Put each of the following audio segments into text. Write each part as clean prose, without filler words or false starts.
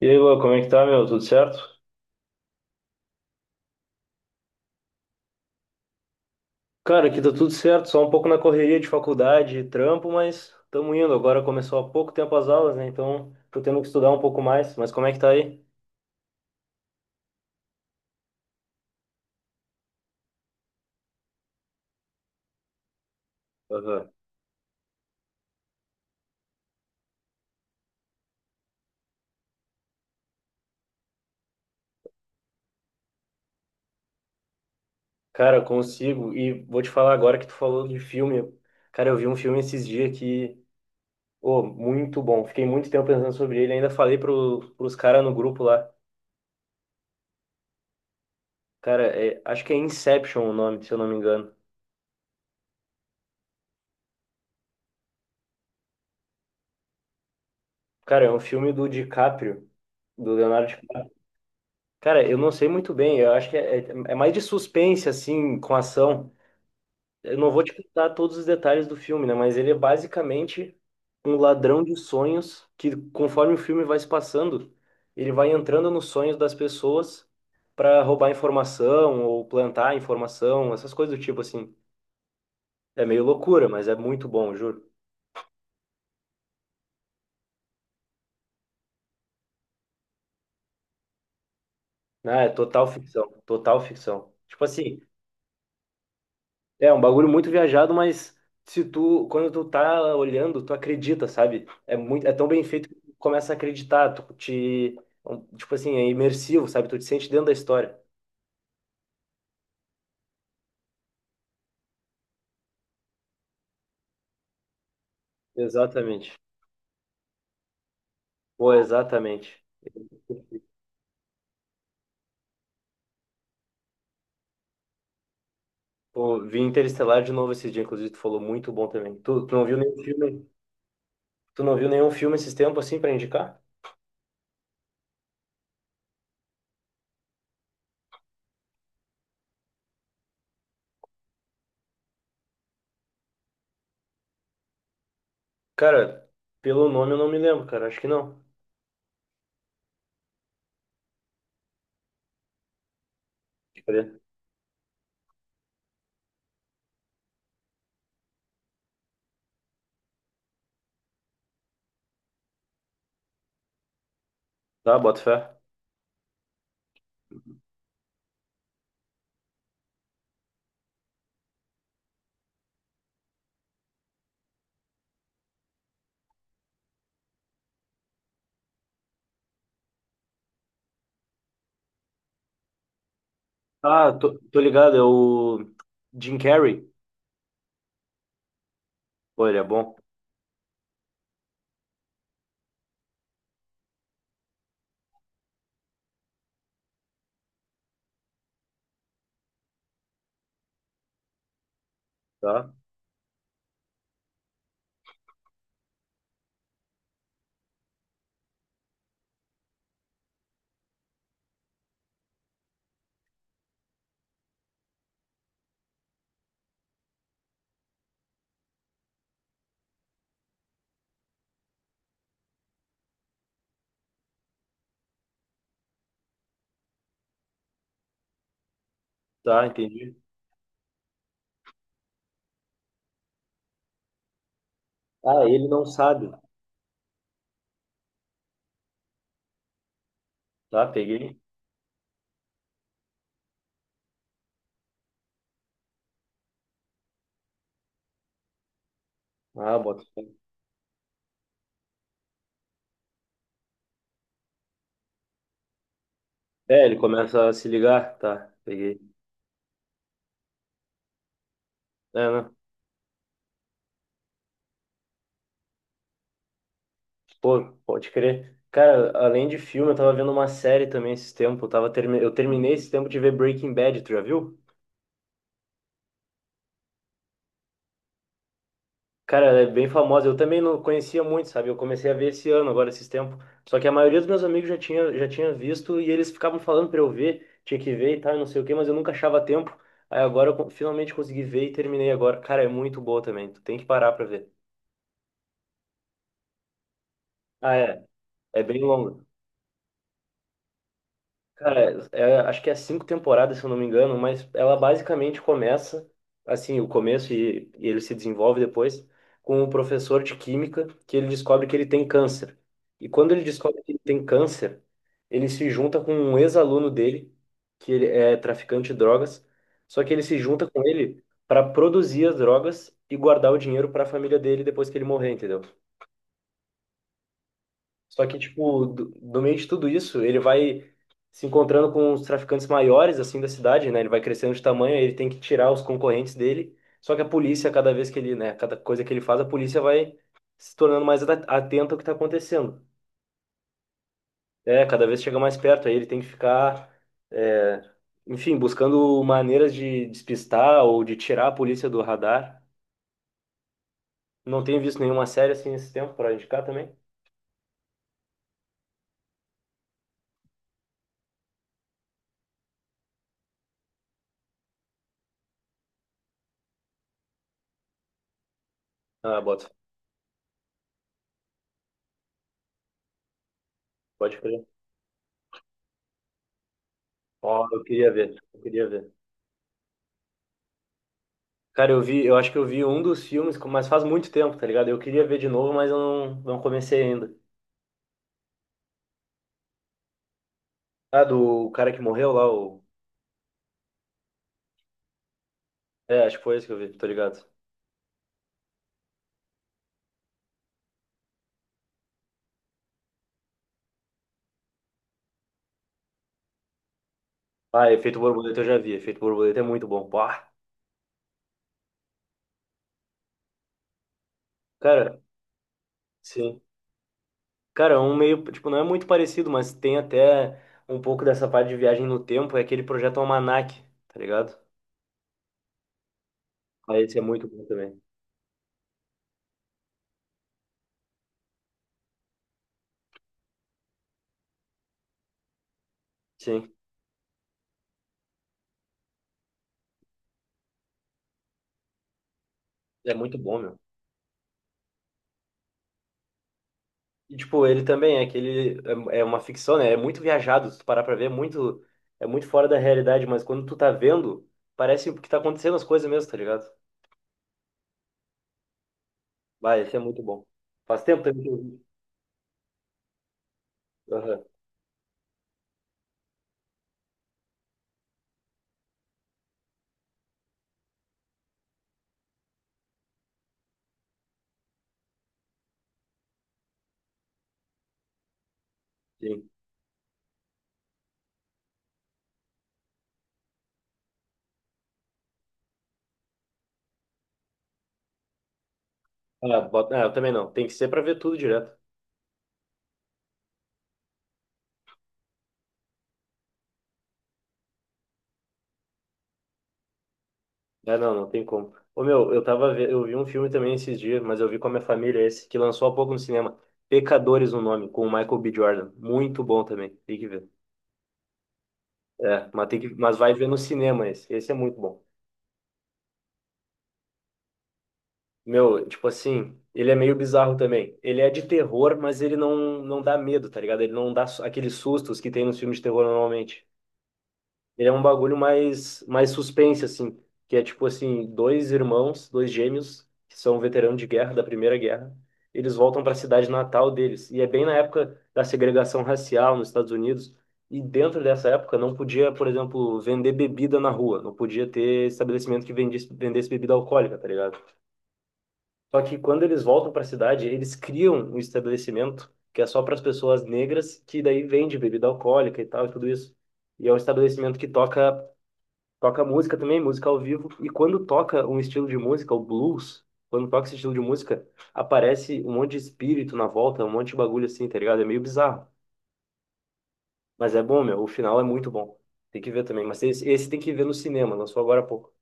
E aí, Lua, como é que tá, meu? Tudo certo? Cara, aqui tá tudo certo, só um pouco na correria de faculdade e trampo, mas tamo indo. Agora começou há pouco tempo as aulas, né? Então tô tendo que estudar um pouco mais, mas como é que tá aí? Aham. Cara, consigo. E vou te falar agora que tu falou de filme. Cara, eu vi um filme esses dias que, oh muito bom. Fiquei muito tempo pensando sobre ele, ainda falei pros caras no grupo lá. Cara, acho que é Inception o nome, se eu não me engano. Cara, é um filme do DiCaprio, do Leonardo. Cara, eu não sei muito bem. Eu acho que é mais de suspense, assim, com ação. Eu não vou te contar todos os detalhes do filme, né? Mas ele é basicamente um ladrão de sonhos que, conforme o filme vai se passando, ele vai entrando nos sonhos das pessoas para roubar informação ou plantar informação, essas coisas do tipo, assim. É meio loucura, mas é muito bom, juro. Ah, é total ficção, total ficção. Tipo assim, é um bagulho muito viajado, mas se tu, quando tu tá olhando, tu acredita, sabe? É tão bem feito que tu começa a acreditar, um, tipo assim, é imersivo, sabe? Tu te sente dentro da história. Exatamente. Pô, exatamente. Pô, vi Interestelar de novo esse dia, inclusive tu falou muito bom também. Tu não viu nenhum filme, tu não viu nenhum filme esses tempos assim pra indicar? Cara, pelo nome eu não me lembro, cara, acho que não. Deixa eu ver. Tá, bota fé. Ah, tô, tô ligado, é o Jim Carrey. Pô, ele é bom. Tá. Tá, entendi. Ah, ele não sabe. Tá, peguei. Ah, bota fé. É, ele começa a se ligar. Tá, peguei. É, não. Pô, pode crer. Cara, além de filme, eu tava vendo uma série também esse tempo. Eu terminei esse tempo de ver Breaking Bad, tu já viu? Cara, ela é bem famosa. Eu também não conhecia muito, sabe? Eu comecei a ver esse ano, agora, esses tempos. Só que a maioria dos meus amigos já tinha visto e eles ficavam falando pra eu ver, tinha que ver e tal, e não sei o quê, mas eu nunca achava tempo. Aí agora finalmente consegui ver e terminei agora. Cara, é muito boa também. Tu tem que parar pra ver. Ah, é. É bem longa. Cara, acho que é cinco temporadas, se eu não me engano, mas ela basicamente começa, assim, o começo e ele se desenvolve depois, com um professor de química que ele descobre que ele tem câncer. E quando ele descobre que ele tem câncer, ele se junta com um ex-aluno dele, que ele é traficante de drogas, só que ele se junta com ele para produzir as drogas e guardar o dinheiro para a família dele depois que ele morrer, entendeu? Só que, tipo, do meio de tudo isso, ele vai se encontrando com os traficantes maiores, assim, da cidade, né? Ele vai crescendo de tamanho, aí ele tem que tirar os concorrentes dele. Só que a polícia, cada vez que ele, né, cada coisa que ele faz, a polícia vai se tornando mais atenta ao que tá acontecendo. É, cada vez chega mais perto, aí ele tem que ficar, é, enfim, buscando maneiras de despistar ou de tirar a polícia do radar. Não tenho visto nenhuma série assim nesse tempo pra indicar também. Ah, bota. Pode crer. Ó, eu queria ver, eu queria ver. Cara, eu vi, eu acho que eu vi um dos filmes, mas faz muito tempo, tá ligado? Eu queria ver de novo, mas eu não, não comecei ainda. Ah, do cara que morreu lá, o... É, acho que foi esse que eu vi, tô ligado. Ah, Efeito Borboleta eu já vi, Efeito Borboleta é muito bom. Pá. Cara, sim. Cara, um meio, tipo, não é muito parecido, mas tem até um pouco dessa parte de viagem no tempo, é aquele projeto Almanac, tá ligado? Ah, esse é muito bom também. Sim, é muito bom, meu. E, tipo, ele também é aquele. É uma ficção, né? É muito viajado. Se tu parar pra ver, é muito fora da realidade. Mas quando tu tá vendo, parece que tá acontecendo as coisas mesmo, tá ligado? Vai, esse é muito bom. Faz tempo também que eu vi. Aham, sim. Ah, bota... ah, eu também não. Tem que ser pra ver tudo direto. É, não, não tem como. Ô, meu, eu vi um filme também esses dias, mas eu vi com a minha família esse, que lançou há pouco no cinema. Pecadores, o nome, com o Michael B. Jordan. Muito bom também. Tem que ver. É, mas, mas vai ver no cinema esse. Esse é muito bom. Meu, tipo assim, ele é meio bizarro também. Ele é de terror, mas ele não, não dá medo, tá ligado? Ele não dá su- Aqueles sustos que tem nos filmes de terror normalmente. Ele é um bagulho mais, mais suspense, assim. Que é tipo assim, dois irmãos, dois gêmeos, que são veteranos de guerra, da Primeira Guerra. Eles voltam para a cidade natal deles. E é bem na época da segregação racial nos Estados Unidos. E dentro dessa época não podia, por exemplo, vender bebida na rua. Não podia ter estabelecimento que vendesse bebida alcoólica, tá ligado? Só que quando eles voltam para a cidade, eles criam um estabelecimento que é só para as pessoas negras, que daí vende bebida alcoólica e tal e tudo isso. E é um estabelecimento que toca música também, música ao vivo. E quando toca um estilo de música, o blues, quando toca esse estilo de música, aparece um monte de espírito na volta, um monte de bagulho assim, tá ligado? É meio bizarro. Mas é bom, meu. O final é muito bom. Tem que ver também. Mas esse tem que ver no cinema, lançou agora há pouco.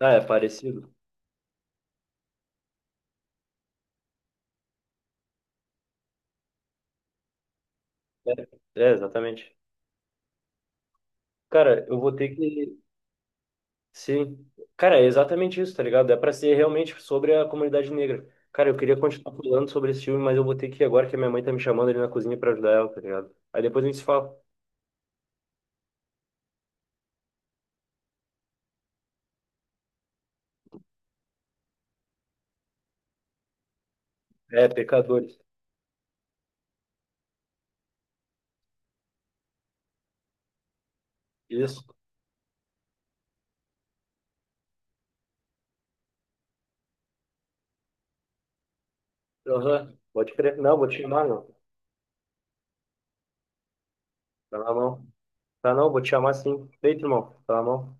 Ah, é parecido? É, é exatamente. Cara, eu vou ter que. Sim. Cara, é exatamente isso, tá ligado? É pra ser realmente sobre a comunidade negra. Cara, eu queria continuar falando sobre esse filme, mas eu vou ter que ir agora que a minha mãe tá me chamando ali na cozinha pra ajudar ela, tá ligado? Aí depois a gente se fala. É, pecadores. Isso. Aham. Pode crer. Não, vou te chamar, não. Tá na mão. Tá não, vou te chamar sim. Feito, irmão. Tá na mão.